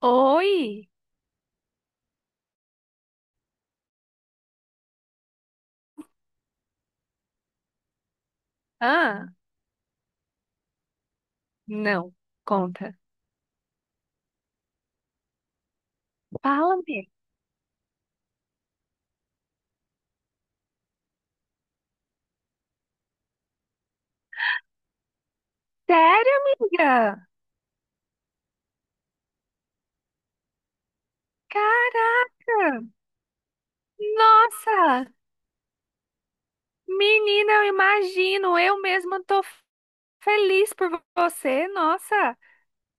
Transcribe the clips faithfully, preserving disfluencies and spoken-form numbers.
Oi? Ah, não. Conta. Fala-me. Sério, amiga? Cara, nossa! Menina, eu imagino. Eu mesma tô feliz por vo- você. Nossa,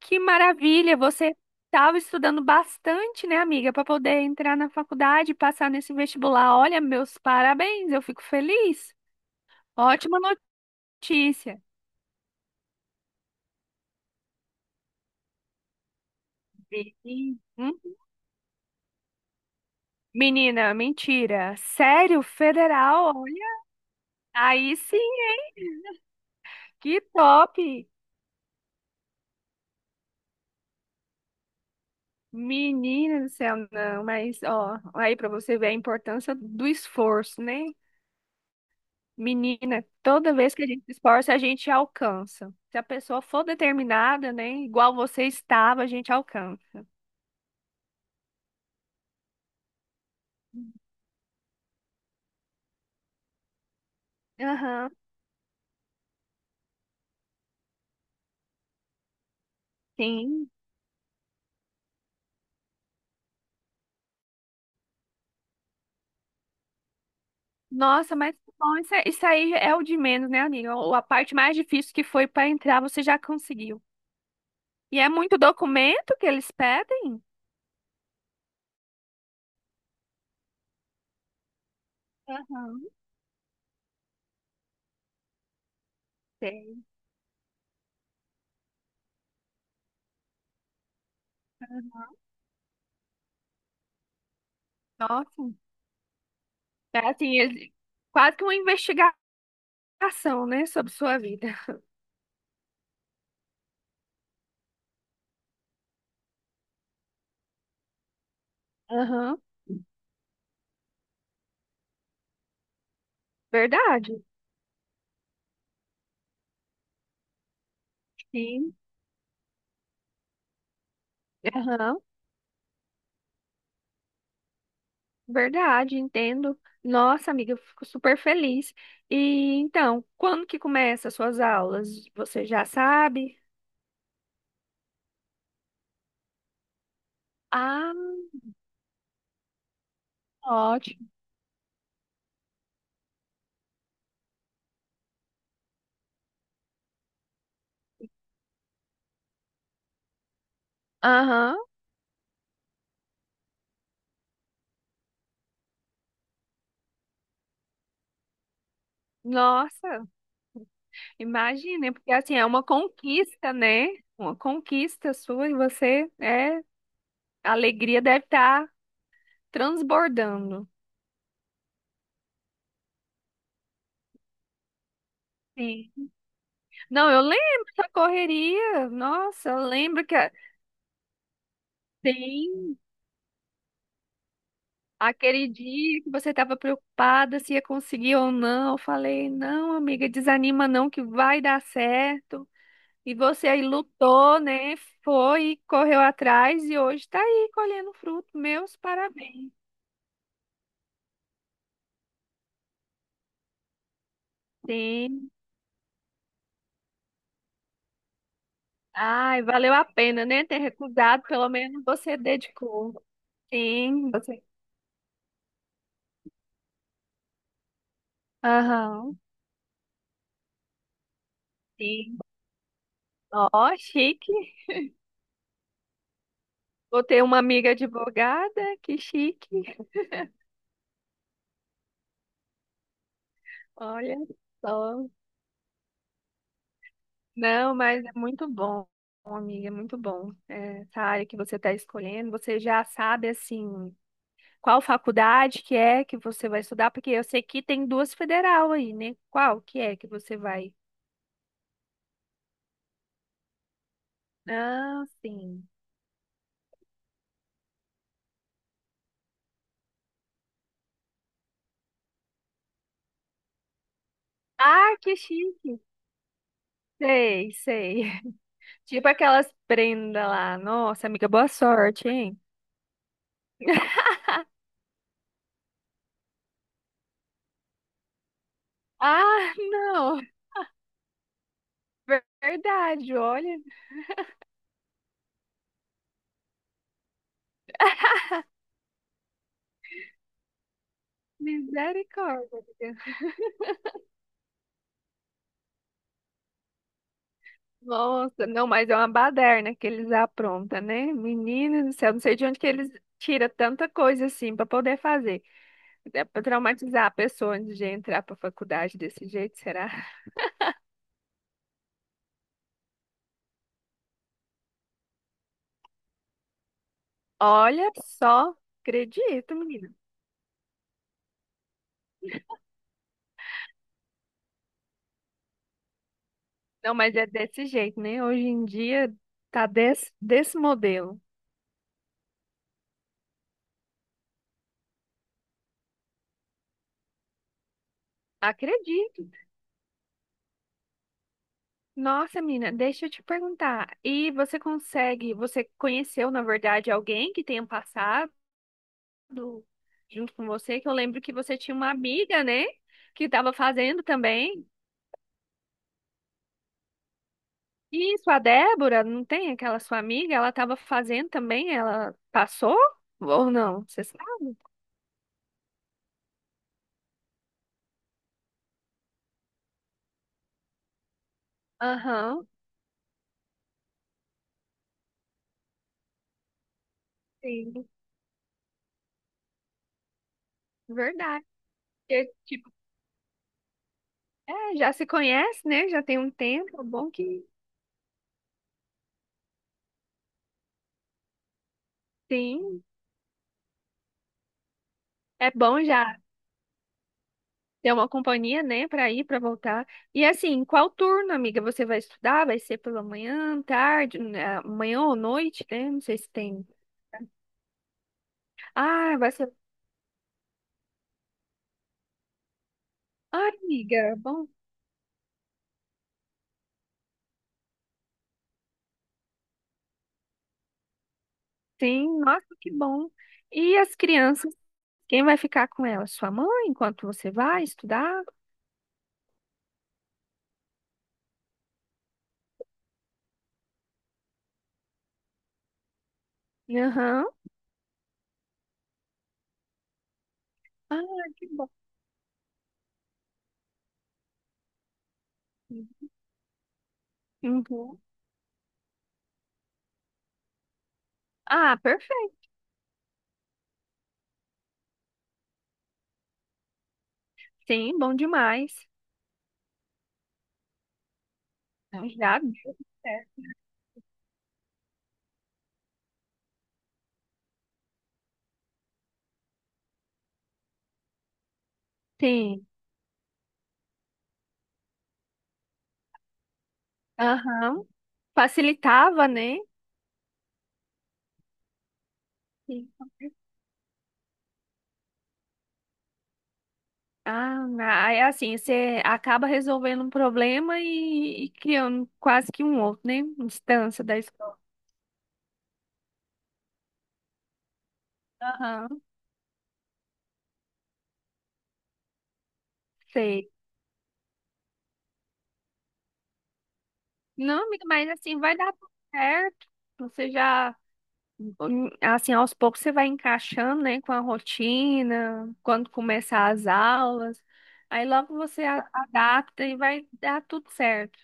que maravilha. Você estava estudando bastante, né, amiga, para poder entrar na faculdade e passar nesse vestibular. Olha, meus parabéns. Eu fico feliz. Ótima notícia. Vi. Hum? Menina, mentira. Sério, federal, olha. Aí sim, hein? Que top! Menina do céu, não, mas ó, aí pra você ver a importância do esforço, né? Menina, toda vez que a gente se esforça, a gente alcança. Se a pessoa for determinada, né? Igual você estava, a gente alcança. Aham, sim. Nossa, mas que bom, isso, é- isso aí é o de menos, né, amiga? O- A parte mais difícil que foi para entrar, você já conseguiu. E é muito documento que eles pedem? Aham, tem. Nossa. É assim, ele- quase que uma investigação, né, sobre sua vida. Aham, verdade. Sim, aham, verdade, entendo. Nossa, amiga, eu fico super feliz. E então, quando que começa as suas aulas? Você já sabe? Ah, ótimo. Aham, nossa, imagina, porque assim, é uma conquista, né? Uma conquista sua e você, é, a alegria deve estar transbordando. Sim. Não, eu lembro da correria. Nossa, eu lembro que a- tem aquele dia que você estava preocupada se ia conseguir ou não. Eu falei, não, amiga, desanima não que vai dar certo. E você aí lutou, né? Foi, correu atrás e hoje está aí colhendo fruto. Meus parabéns. Sim. Ai, valeu a pena, né? Ter recusado, pelo menos você dedicou. Sim, você. Aham, sim. Ó, chique. Vou ter uma amiga advogada, que chique. Olha só. Não, mas é muito bom, amiga, é muito bom. É, essa área que você está escolhendo, você já sabe, assim, qual faculdade que é que você vai estudar, porque eu sei que tem duas federal aí, né? Qual que é que você vai? Ah, sim. Ah, que chique. Sei, sei. Tipo aquelas prendas lá. Nossa, amiga, boa sorte, hein? Ah, não. Verdade, olha. Misericórdia. Nossa, não, mas é uma baderna que eles aprontam, né? Menina do céu, não sei de onde que eles tiram tanta coisa assim para poder fazer. Até pra traumatizar a pessoa antes de entrar pra faculdade desse jeito, será? Olha só, acredito, menina. Não, mas é desse jeito, né? Hoje em dia tá desse, desse modelo. Acredito. Nossa, menina, deixa eu te perguntar. E você consegue, você conheceu, na verdade, alguém que tenha passado? do- Junto com você, que eu lembro que você tinha uma amiga, né? Que estava fazendo também. Isso, a Débora, não tem aquela sua amiga? Ela estava fazendo também, ela passou? Ou não? Você sabe? Aham, sim, verdade. Porque, tipo, é, já se conhece, né? Já tem um tempo, é bom que sim. É bom já ter uma companhia, né, para ir, para voltar. E assim, qual turno, amiga? Você vai estudar? Vai ser pela manhã, tarde, né, amanhã ou noite, né? Não sei se tem. Ah, vai ser. Ai, amiga, bom, sim, nossa, que bom. E as crianças, quem vai ficar com elas? Sua mãe, enquanto você vai estudar? Aham. Ah, que bom. Uhum. Ah, perfeito. Sim, bom demais. Então, já deu certo. Sim. Aham. Facilitava, né? Sim. Ah, ah, é assim, você acaba resolvendo um problema e, e criando quase que um outro, né? Distância da escola. Aham. Sei. Não, amiga, mas assim, vai dar tudo certo. Você já, assim, aos poucos você vai encaixando, né, com a rotina, quando começar as aulas. Aí logo você a- adapta e vai dar tudo certo.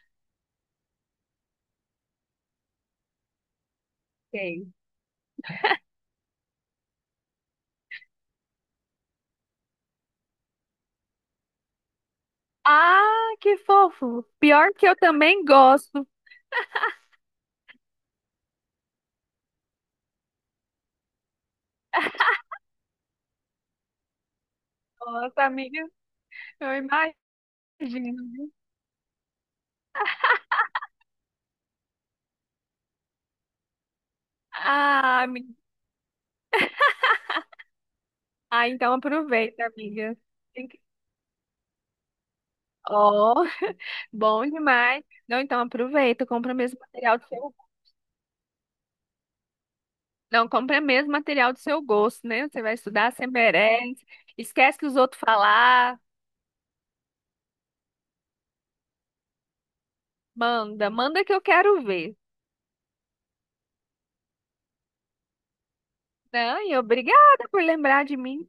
Sei. Ah, que fofo! Pior que eu também gosto. Nossa, amiga, eu imagino, viu? Ah, amiga, ah, então aproveita, amiga. Tem que- Ó, bom demais. Não, então aproveita, compra mesmo material do seu. Não, compra mesmo material do seu gosto, né? Você vai estudar, você merece. Esquece que os outros falar. Manda, manda que eu quero ver. Não, e obrigada por lembrar de mim.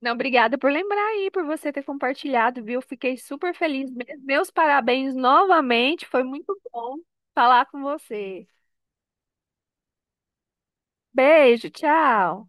Não, obrigada por lembrar aí, por você ter compartilhado, viu? Fiquei super feliz mesmo. Meus parabéns novamente, foi muito bom falar com você. Beijo, tchau.